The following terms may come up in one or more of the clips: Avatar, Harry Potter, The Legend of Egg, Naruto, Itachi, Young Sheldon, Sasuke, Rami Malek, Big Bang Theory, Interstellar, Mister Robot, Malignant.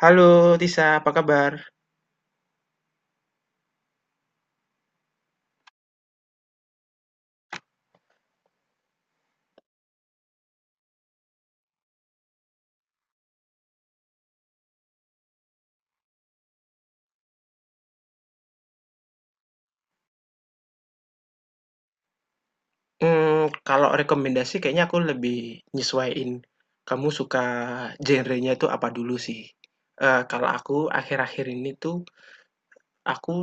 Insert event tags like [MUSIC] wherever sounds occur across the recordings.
Halo Tisa, apa kabar? Kalau rekomendasi kayaknya aku lebih nyesuaiin, kamu suka genrenya itu apa dulu sih. Kalau aku akhir-akhir ini tuh aku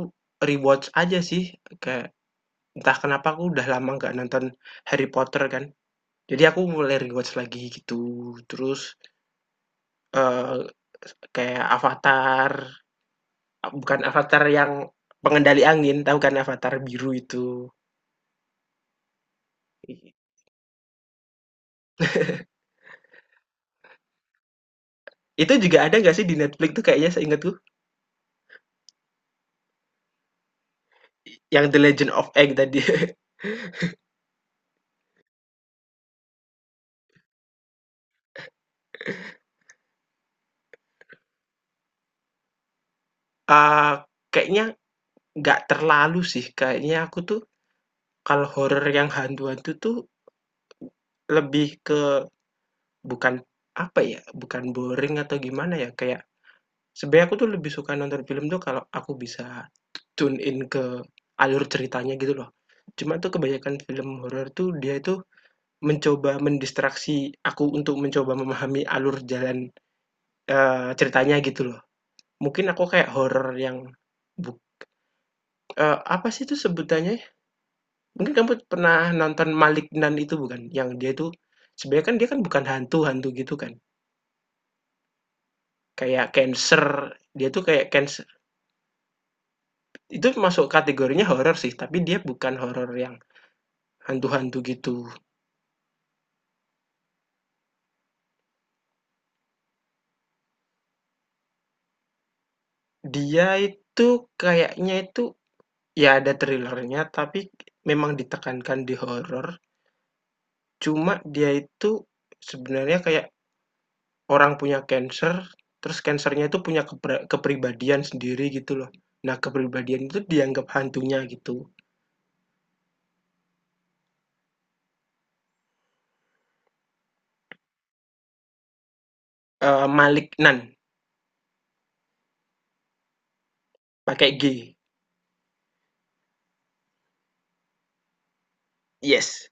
rewatch aja sih, kayak entah kenapa aku udah lama nggak nonton Harry Potter kan, jadi aku mulai rewatch lagi gitu. Terus, eee, kayak Avatar, bukan Avatar yang pengendali angin, tahu kan Avatar biru itu. Itu juga ada nggak sih di Netflix tuh kayaknya seingatku? Yang The Legend of Egg tadi, [LAUGHS] eee, kayaknya nggak terlalu sih, kayaknya aku tuh kalau horor yang hantu-hantu tuh lebih ke bukan, apa ya, bukan boring atau gimana ya, kayak sebenarnya aku tuh lebih suka nonton film tuh kalau aku bisa tune in ke alur ceritanya gitu loh. Cuma tuh kebanyakan film horor tuh dia itu mencoba mendistraksi aku untuk mencoba memahami alur jalan, ceritanya gitu loh. Mungkin aku kayak horor yang buk apa sih itu sebutannya. Mungkin kamu pernah nonton Malignant itu bukan? Yang dia tuh sebenarnya kan dia kan bukan hantu-hantu gitu kan. Kayak cancer, dia tuh kayak cancer. Itu masuk kategorinya horor sih, tapi dia bukan horor yang hantu-hantu gitu. Dia itu kayaknya itu ya ada thrillernya, tapi memang ditekankan di horor. Cuma dia itu sebenarnya kayak orang punya cancer, terus cancernya itu punya kepribadian sendiri gitu loh. Nah, kepribadian itu dianggap hantunya gitu. Maliknan, pakai G. Yes.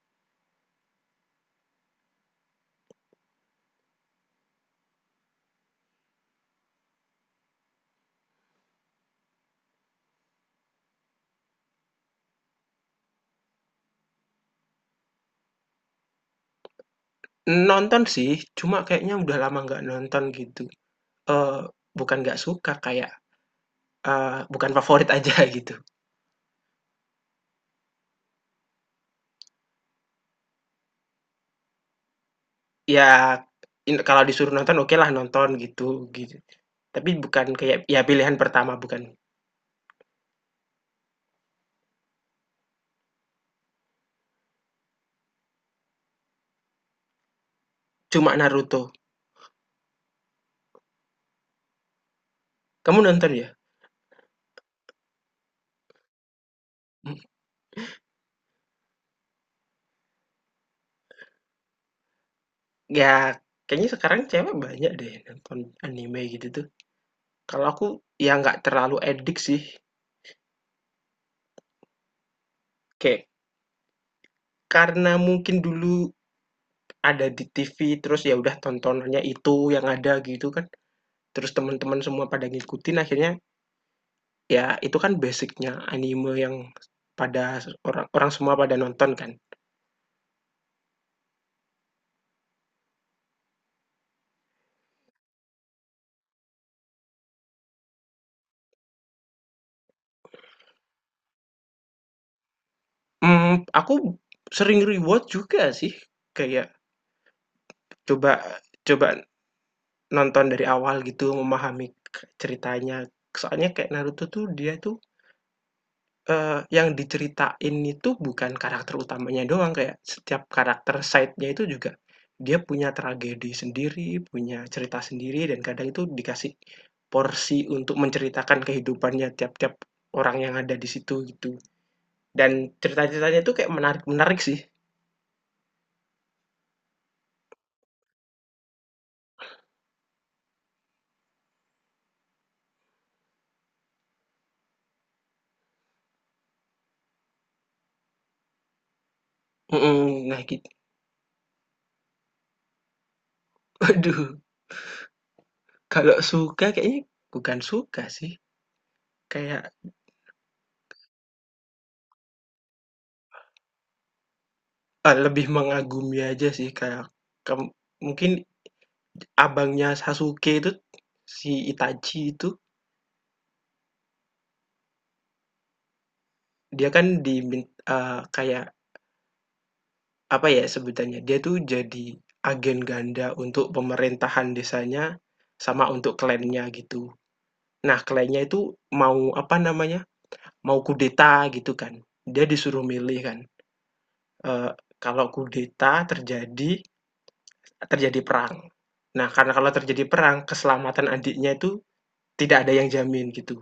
Nonton sih, cuma kayaknya udah lama nggak nonton gitu. Eee, Bukan nggak suka, kayak, bukan favorit aja [LAUGHS] gitu. Ya, in kalau disuruh nonton okelah nonton gitu gitu, tapi bukan kayak ya pilihan pertama bukan, cuma Naruto. Kamu nonton ya? Hmm, ya kayaknya sekarang cewek banyak deh nonton anime gitu tuh. Kalau aku ya nggak terlalu edik sih, kayak karena mungkin dulu ada di TV, terus ya udah tontonannya itu yang ada gitu kan, terus teman-teman semua pada ngikutin akhirnya ya itu kan basicnya anime yang pada orang orang semua pada nonton kan. Aku sering rewatch juga sih, kayak coba coba nonton dari awal gitu memahami ceritanya, soalnya kayak Naruto tuh dia tuh yang diceritain itu bukan karakter utamanya doang, kayak setiap karakter side-nya itu juga dia punya tragedi sendiri, punya cerita sendiri, dan kadang itu dikasih porsi untuk menceritakan kehidupannya tiap-tiap orang yang ada di situ, gitu. Dan cerita-ceritanya itu kayak menarik-menarik sih. Mhm, nah git [LAUGHS] waduh, kalau suka kayaknya bukan suka sih, kayak, lebih mengagumi aja sih, kayak kem mungkin abangnya Sasuke itu, si Itachi itu, dia kan di kayak apa ya sebutannya, dia tuh jadi agen ganda untuk pemerintahan desanya sama untuk klannya gitu. Nah, klannya itu mau apa namanya, mau kudeta gitu kan. Dia disuruh milih kan, eee, kalau kudeta terjadi terjadi perang. Nah, karena kalau terjadi perang keselamatan adiknya itu tidak ada yang jamin gitu.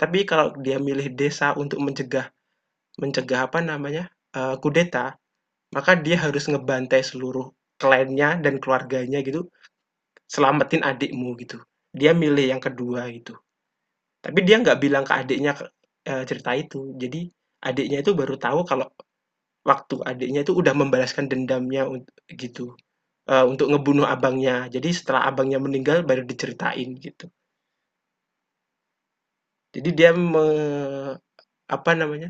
Tapi kalau dia milih desa untuk mencegah. Mencegah apa namanya, kudeta, maka dia harus ngebantai seluruh kliennya dan keluarganya gitu, "Selamatin adikmu," gitu. Dia milih yang kedua gitu, tapi dia nggak bilang ke adiknya ke eh, cerita itu. Jadi adiknya itu baru tahu kalau waktu adiknya itu udah membalaskan dendamnya unt gitu, untuk ngebunuh abangnya. Jadi setelah abangnya meninggal baru diceritain gitu. Jadi dia me apa namanya,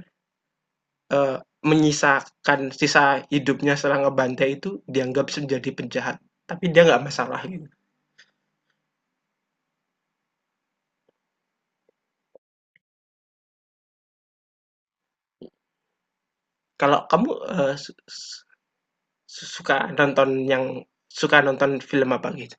Menyisakan sisa hidupnya setelah ngebantai itu dianggap menjadi penjahat, tapi dia nggak masalah gitu. Kalau kamu, su su suka nonton yang suka nonton film apa gitu?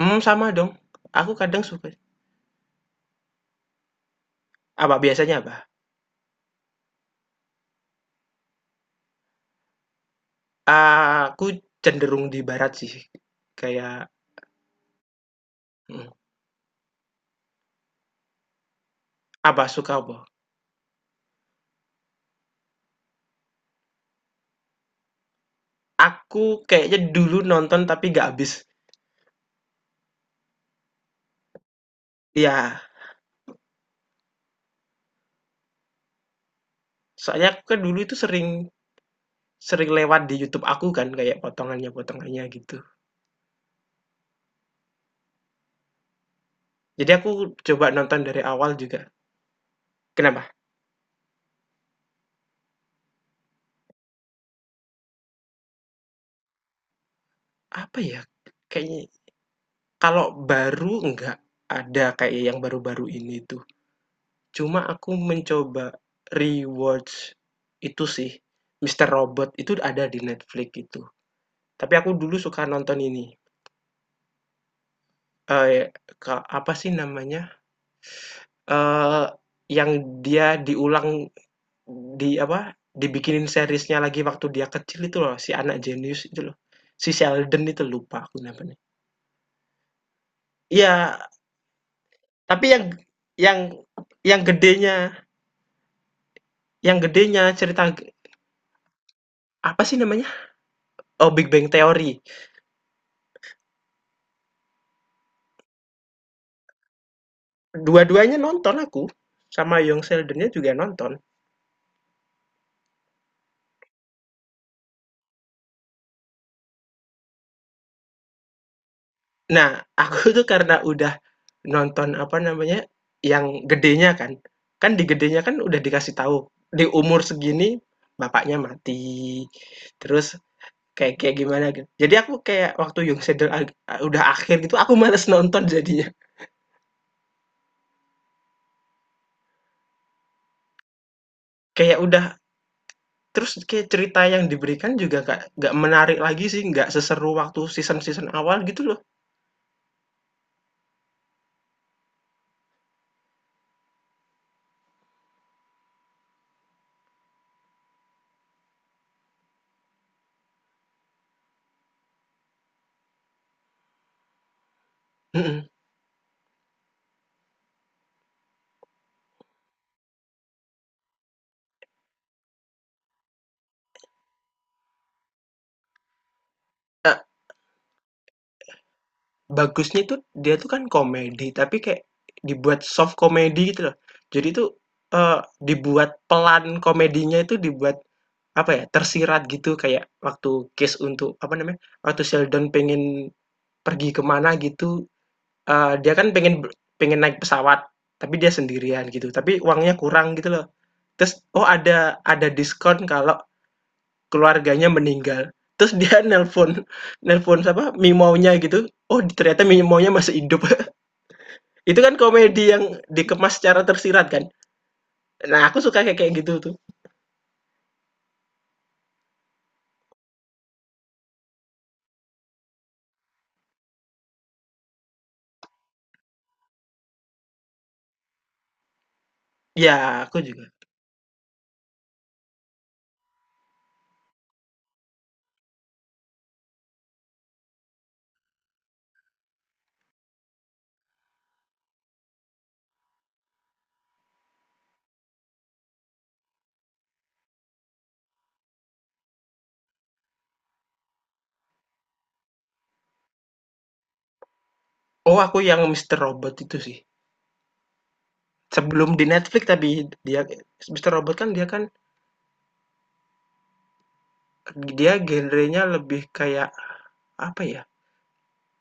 Hmm, sama dong, aku kadang suka apa biasanya apa? Aku cenderung di barat sih, kayak mhm, apa suka apa? Aku kayaknya dulu nonton tapi nggak habis. Iya, soalnya aku kan dulu itu sering sering lewat di YouTube aku kan kayak potongannya-potongannya gitu. Jadi aku coba nonton dari awal juga. Kenapa? Apa ya, kayaknya kalau baru nggak ada kayak yang baru-baru ini tuh. Cuma aku mencoba rewatch itu sih, Mister Robot itu ada di Netflix itu. Tapi aku dulu suka nonton ini. Eh, ke- apa sih namanya? Eh, yang dia diulang di apa? Dibikinin seriesnya lagi waktu dia kecil itu loh, si anak jenius itu loh. Si Sheldon itu lupa aku namanya. Iya, tapi yang yang yang gedenya cerita apa sih namanya? Oh, Big Bang Theory. Dua-duanya nonton aku, sama Young Sheldon-nya juga nonton. Nah, aku tuh karena udah nonton apa namanya, yang gedenya kan. Kan di gedenya kan udah dikasih tahu, di umur segini bapaknya mati. Terus kayak kayak gimana gitu. Jadi aku kayak waktu udah akhir gitu aku males nonton jadinya. Kayak udah. Terus kayak cerita yang diberikan juga nggak menarik lagi sih, nggak seseru waktu season-season awal gitu loh. Mhm. Eee, Bagusnya tuh dia tuh kan komedi, tapi kayak dibuat soft komedi gitu loh. Jadi tuh, eee, dibuat pelan komedinya itu dibuat, apa ya, tersirat gitu kayak waktu case untuk apa namanya, waktu Sheldon pengen pergi kemana gitu, dia kan pengen pengen naik pesawat, tapi dia sendirian gitu, tapi uangnya kurang gitu loh. Terus, oh ada diskon kalau keluarganya meninggal. Terus dia [LAUGHS] nelpon nelpon siapa, Mimaunya gitu, oh ternyata Mimaunya masih hidup. [LAUGHS] Itu kan komedi yang dikemas secara tersirat kan. Nah, aku suka kayak kayak gitu tuh. Ya, aku juga. Oh, aku yang Mister Robot itu sih. Sebelum di Netflix tapi dia Mister Robot kan dia genrenya lebih kayak apa ya,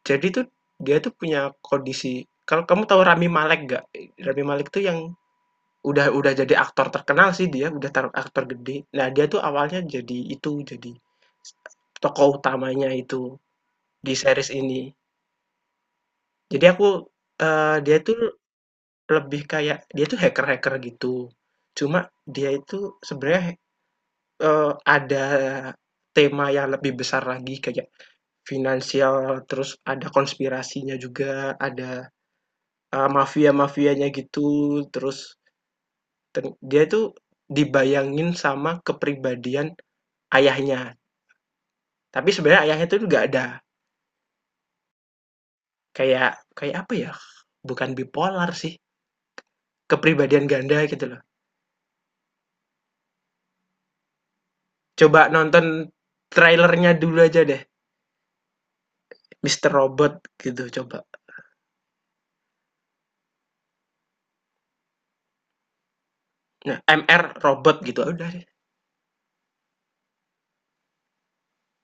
jadi tuh dia tuh punya kondisi kalau kamu tahu Rami Malek nggak? Rami Malek tuh yang udah jadi aktor terkenal sih dia, udah tar aktor gede. Nah, dia tuh awalnya jadi itu, jadi tokoh utamanya itu di series ini. Jadi aku, dia tuh lebih kayak dia tuh hacker-hacker gitu. Cuma dia itu sebenarnya, eee, ada tema yang lebih besar lagi kayak finansial, terus ada konspirasinya juga, ada, mafia-mafianya gitu, terus ten dia tuh dibayangin sama kepribadian ayahnya, tapi sebenarnya ayahnya itu nggak ada, kayak kayak apa ya, bukan bipolar sih, kepribadian ganda gitu loh. Coba nonton trailernya dulu aja deh, Mister Robot gitu coba. Nah, MR Robot gitu, ya udah deh,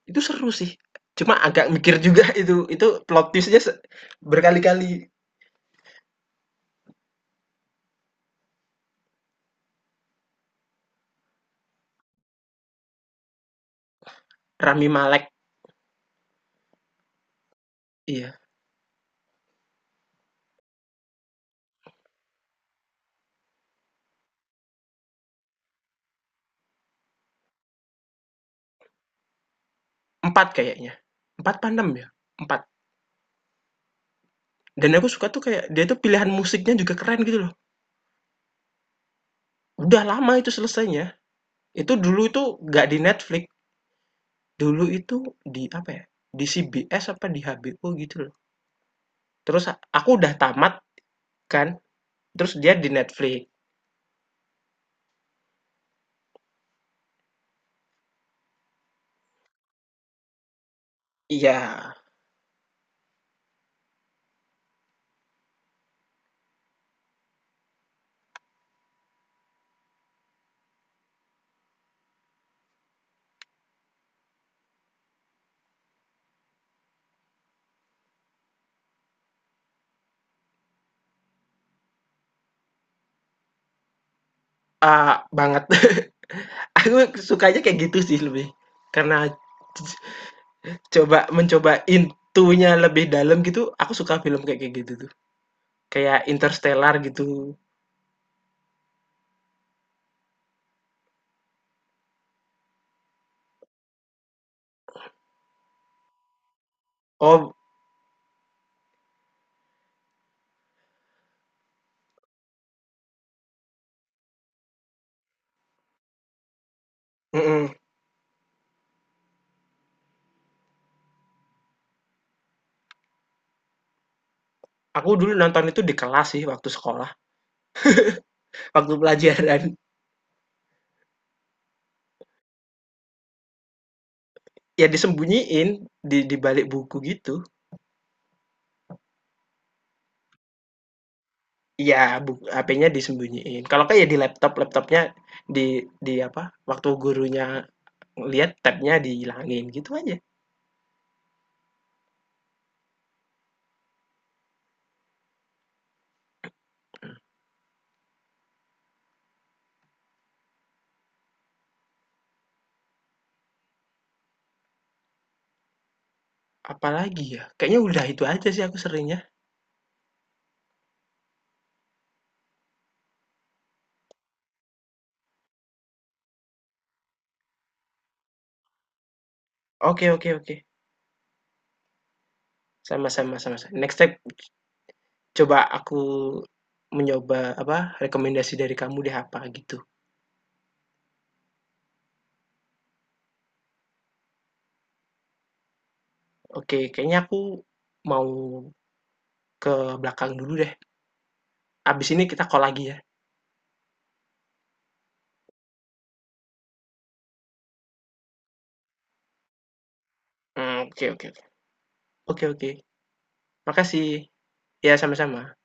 itu seru sih. Cuma agak mikir juga [LAUGHS] itu plot twist berkali-kali. Rami Malek, iya, 4 kayaknya, empat pandem ya? Empat. Dan aku suka tuh kayak dia tuh pilihan musiknya juga keren gitu loh. Udah lama itu selesainya, itu dulu itu nggak di Netflix. Dulu itu di apa ya, di CBS apa di HBO gitu loh. Terus aku udah tamat kan, terus dia di Netflix. Iya, banget. [LAUGHS] Aku sukanya kayak gitu sih lebih, karena mencoba intunya lebih dalam gitu, aku suka film kayak kayak gitu tuh. Kayak Interstellar gitu. Oh mhm, aku dulu nonton itu di kelas sih waktu sekolah, waktu pelajaran. Ya disembunyiin di balik buku gitu. Iya, buk HP-nya disembunyiin, kalau nggak ya di laptop, laptopnya di di apa, waktu gurunya lihat tab-nya dihilangin, gitu aja. Apalagi ya, kayaknya udah itu aja sih aku seringnya. Oke oke oke, sama-sama sama-sama, next step coba aku mencoba apa, rekomendasi dari kamu deh apa gitu. Oke, kayaknya aku mau ke belakang dulu deh, abis ini kita call lagi ya. Oke oke oke oke oke, makasih. Ya sama-sama.